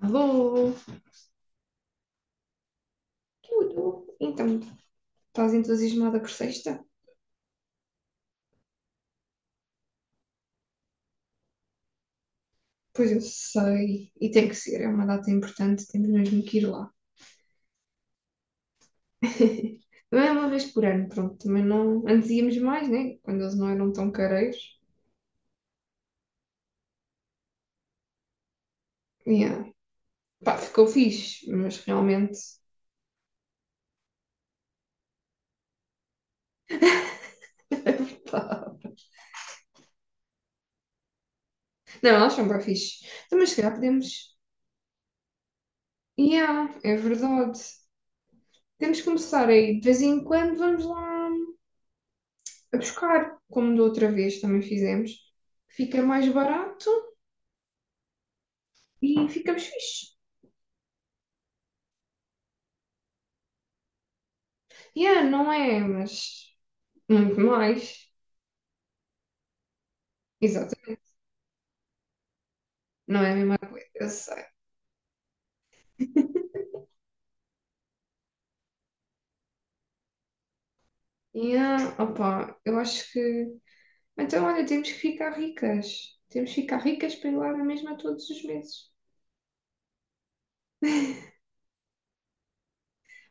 Alô? Tudo? Então, estás entusiasmada por sexta? Pois eu sei, e tem que ser, é uma data importante, temos mesmo que ir lá. Não é uma vez por ano, pronto, também não. Antes íamos mais, né? Quando eles não eram tão careiros. Yeah. Pá, ficou fixe, mas realmente. Pá. Não, eles são bem fixe. Então, mas se calhar podemos. Yeah, é verdade. Temos que começar aí. De vez em quando vamos lá a buscar, como da outra vez também fizemos. Fica mais barato e ficamos fixe. Yeah, não é, mas muito mais. Exatamente. Não é a mesma coisa, eu sei. Yeah, opa, eu acho que. Então, olha, temos que ficar ricas. Temos que ficar ricas para ir lá na mesma todos os meses.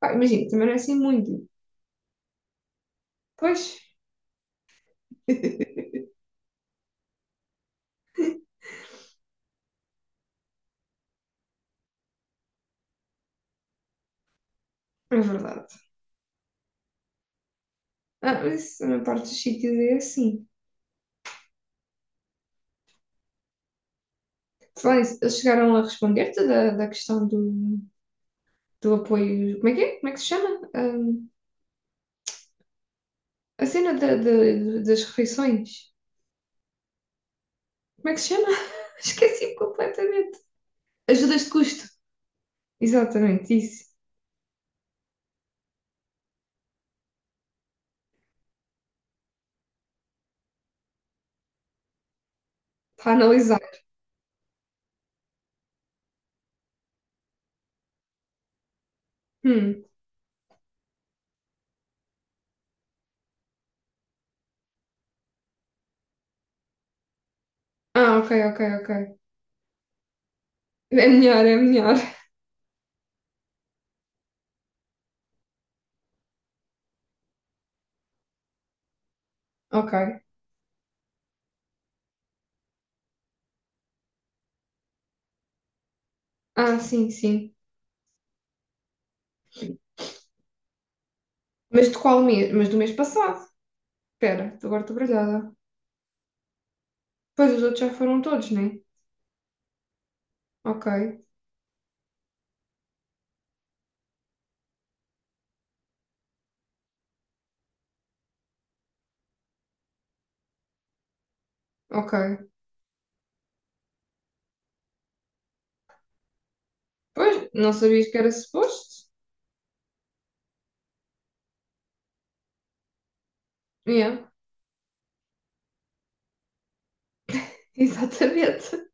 Pá, imagina, também não é assim muito. Pois. É verdade. Ah, mas isso, a maior parte dos sítios é assim. Falar nisso, eles chegaram a responder-te da questão do apoio? Como é que é? Como é que se chama? Ah, a cena das refeições. Como é que se chama? Esqueci completamente. Ajudas de custo. Exatamente, isso. Está a analisar. Hum. Ah, ok, ok, ok. É melhor, é melhor. Ok. Ah, sim, sim. Mas de qual mês? Mas do mês passado. Espera, agora estou baralhada. Pois os outros já foram todos, né? Ok, ok. Pois, não sabias que era suposto? Yeah, exatamente.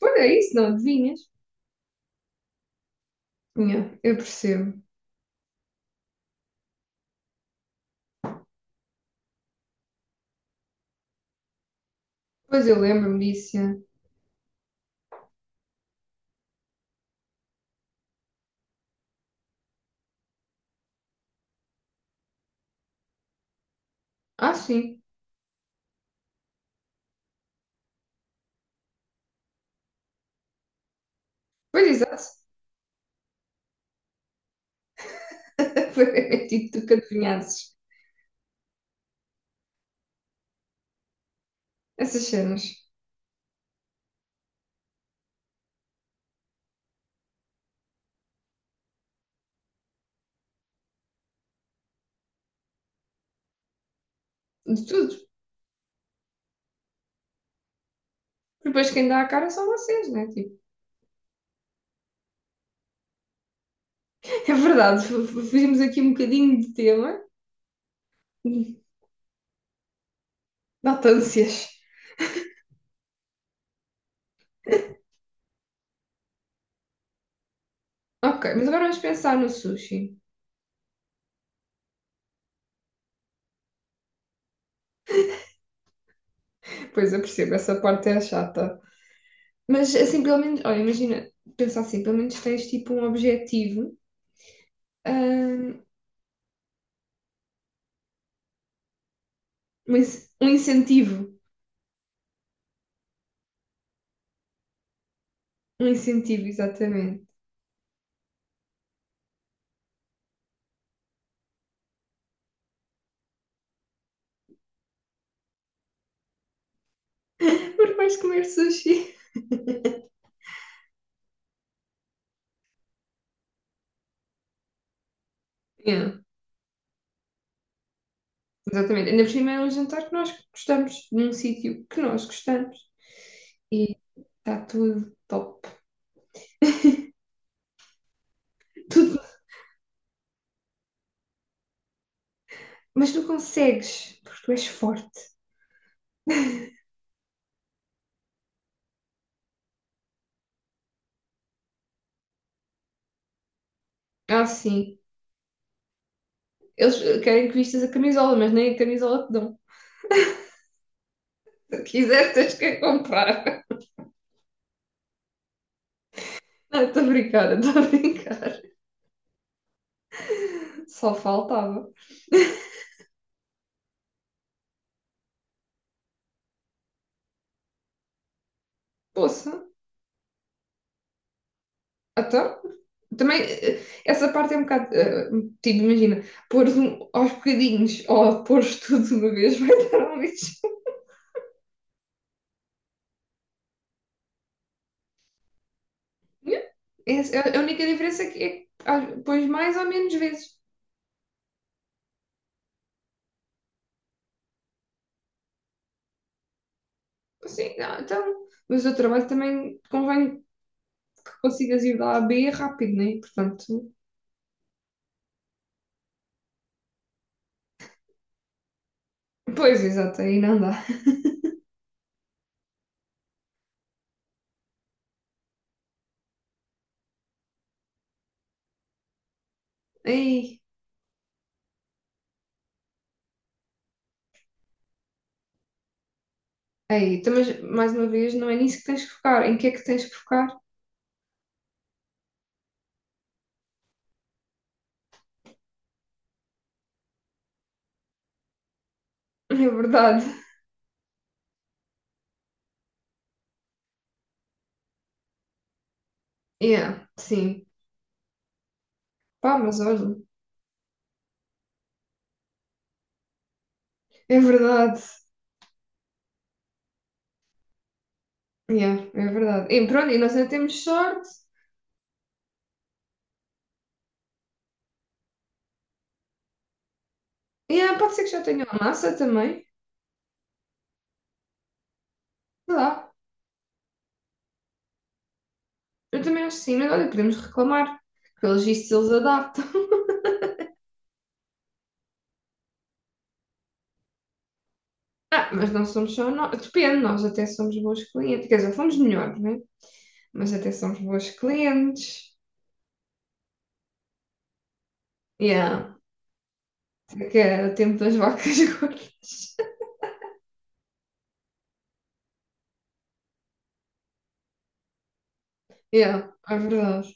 Pois é isso, não adivinhas? Yeah, eu percebo. Pois eu lembro-me disso. Yeah. Ah, sim. Pois exato. Foi tipo tu que adivinhasses essas cenas de tudo. Depois quem dá a cara são vocês, né? Tipo, é verdade, fugimos aqui um bocadinho de tema. Batâncias. Ok, mas agora vamos pensar no sushi. Pois eu percebo, essa parte é chata. Mas assim, pelo menos, olha, imagina, pensar assim, pelo menos tens tipo um objetivo, ahm, um incentivo. Um incentivo, exatamente. Porque vais comer sushi. Yeah. Exatamente. Ainda por cima é um jantar que nós gostamos, num sítio que nós gostamos. E está tudo top. Tudo. Mas tu consegues, porque tu és forte. Ah, sim. Eles querem que vistas a camisola, mas nem a camisola te dão. Se quiseres, tens que a comprar. Não, estou a brincar, estou a brincar. Só faltava. Poça, então. Também, essa parte é um bocado. Tipo, imagina, pôr um, aos bocadinhos ou pôr tudo de uma vez vai dar um lixo. Yeah. A única diferença é que pões mais ou menos vezes. Assim, então, mas o trabalho também convém que consigas ir da A a B rápido, né? Portanto, pois, exato, aí não dá. Aí, aí, então, mas mais uma vez, não é nisso que tens que focar. Em que é que tens que focar? É verdade. Yeah, sim. Pá, mas olha, é verdade. Yeah, é verdade. E pronto, e nós ainda temos sorte. Yeah, pode ser que já tenha uma massa também. Sei lá. Eu também acho que sim, mas olha, podemos reclamar. Pelos vistos eles adaptam. Ah, mas não somos só nós. Depende, nós até somos bons clientes. Quer dizer, fomos melhores, né? Mas até somos bons clientes. Yeah. Que é o tempo das vacas gordas. Yeah, é verdade.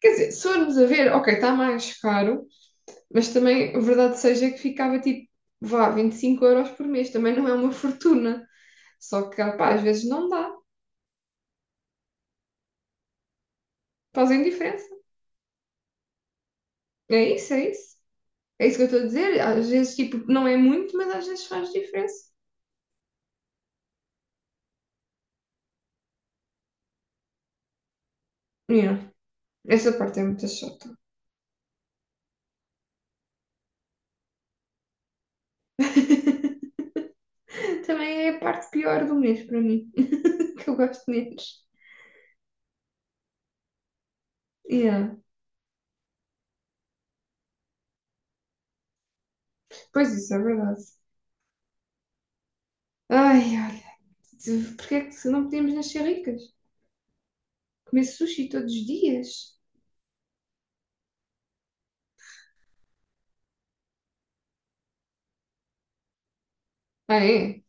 Quer dizer, se formos a ver, ok, está mais caro, mas também a verdade seja que ficava tipo, vá, 25 € por mês. Também não é uma fortuna. Só que, pá, às vezes não dá. Fazem diferença. É isso, é isso. É isso que eu estou a dizer. Às vezes, tipo, não é muito, mas às vezes faz diferença. Yeah. Essa parte é muito chata. Também é a parte pior do mês para mim, que eu gosto menos. Yeah. Pois isso, é verdade. Ai, olha, porquê é que não podíamos nascer ricas? Comer sushi todos os dias? Ah, é?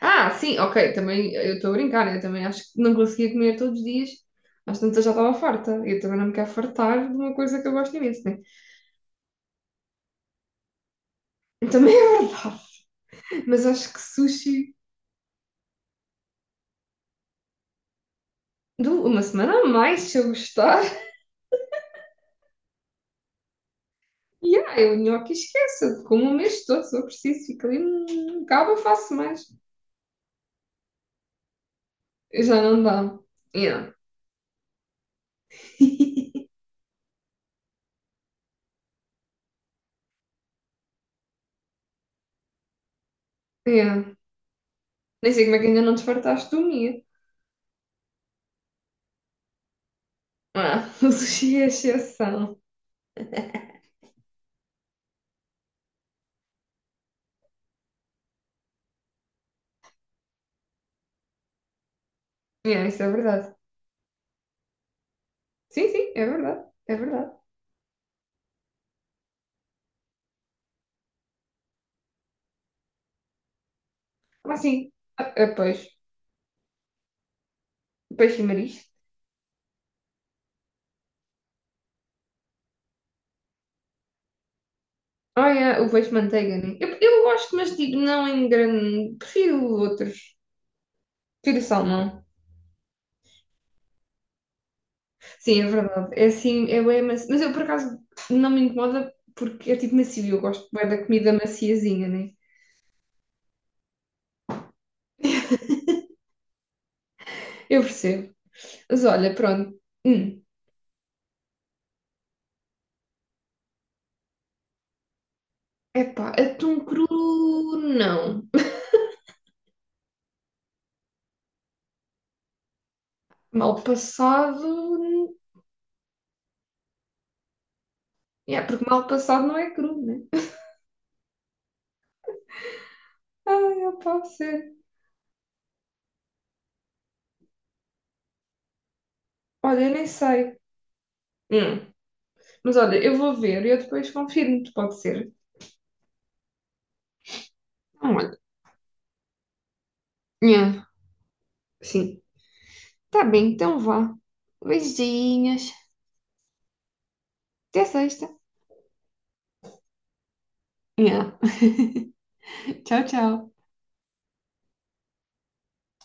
Ah, sim, ok, também eu estou a brincar, eu também acho que não conseguia comer todos os dias. Às tantas já estava farta. Eu também não me quero fartar de uma coisa que eu gosto imenso, né? Também é verdade. Mas acho que sushi dou uma semana a mais se eu gostar. E eu nhoque esqueço, eu como o mês todo, se eu preciso, fico ali, acaba, faço mais. Já não dá. Yeah, yeah. Nem sei como é que ainda não desfartaste do minha. Ah, o sushi é exceção. Yeah, isso é verdade. Sim, sim, é verdade. É verdade. Mas sim, é peixe. Peixe e marisco. Ah, yeah, o peixe manteiga, né? Eu gosto, mas digo não em grande. Prefiro outros. Prefiro salmão. Sim, é verdade. É assim, eu é macio. Mas eu por acaso não me incomoda porque é tipo macio e eu gosto bem da comida maciazinha, né? Eu percebo. Mas olha, pronto. Hum. Epá, atum cru não. Mal passado. É, porque mal passado não é cru, né? Ai, opá, sério. Olha, eu nem sei. Hum. Mas olha, eu vou ver e eu depois confirmo-te, pode ser. Não, olha. Nhã, sim. Tá bem, então vá. Beijinhos. Até sexta. Nhã. Tchau, tchau.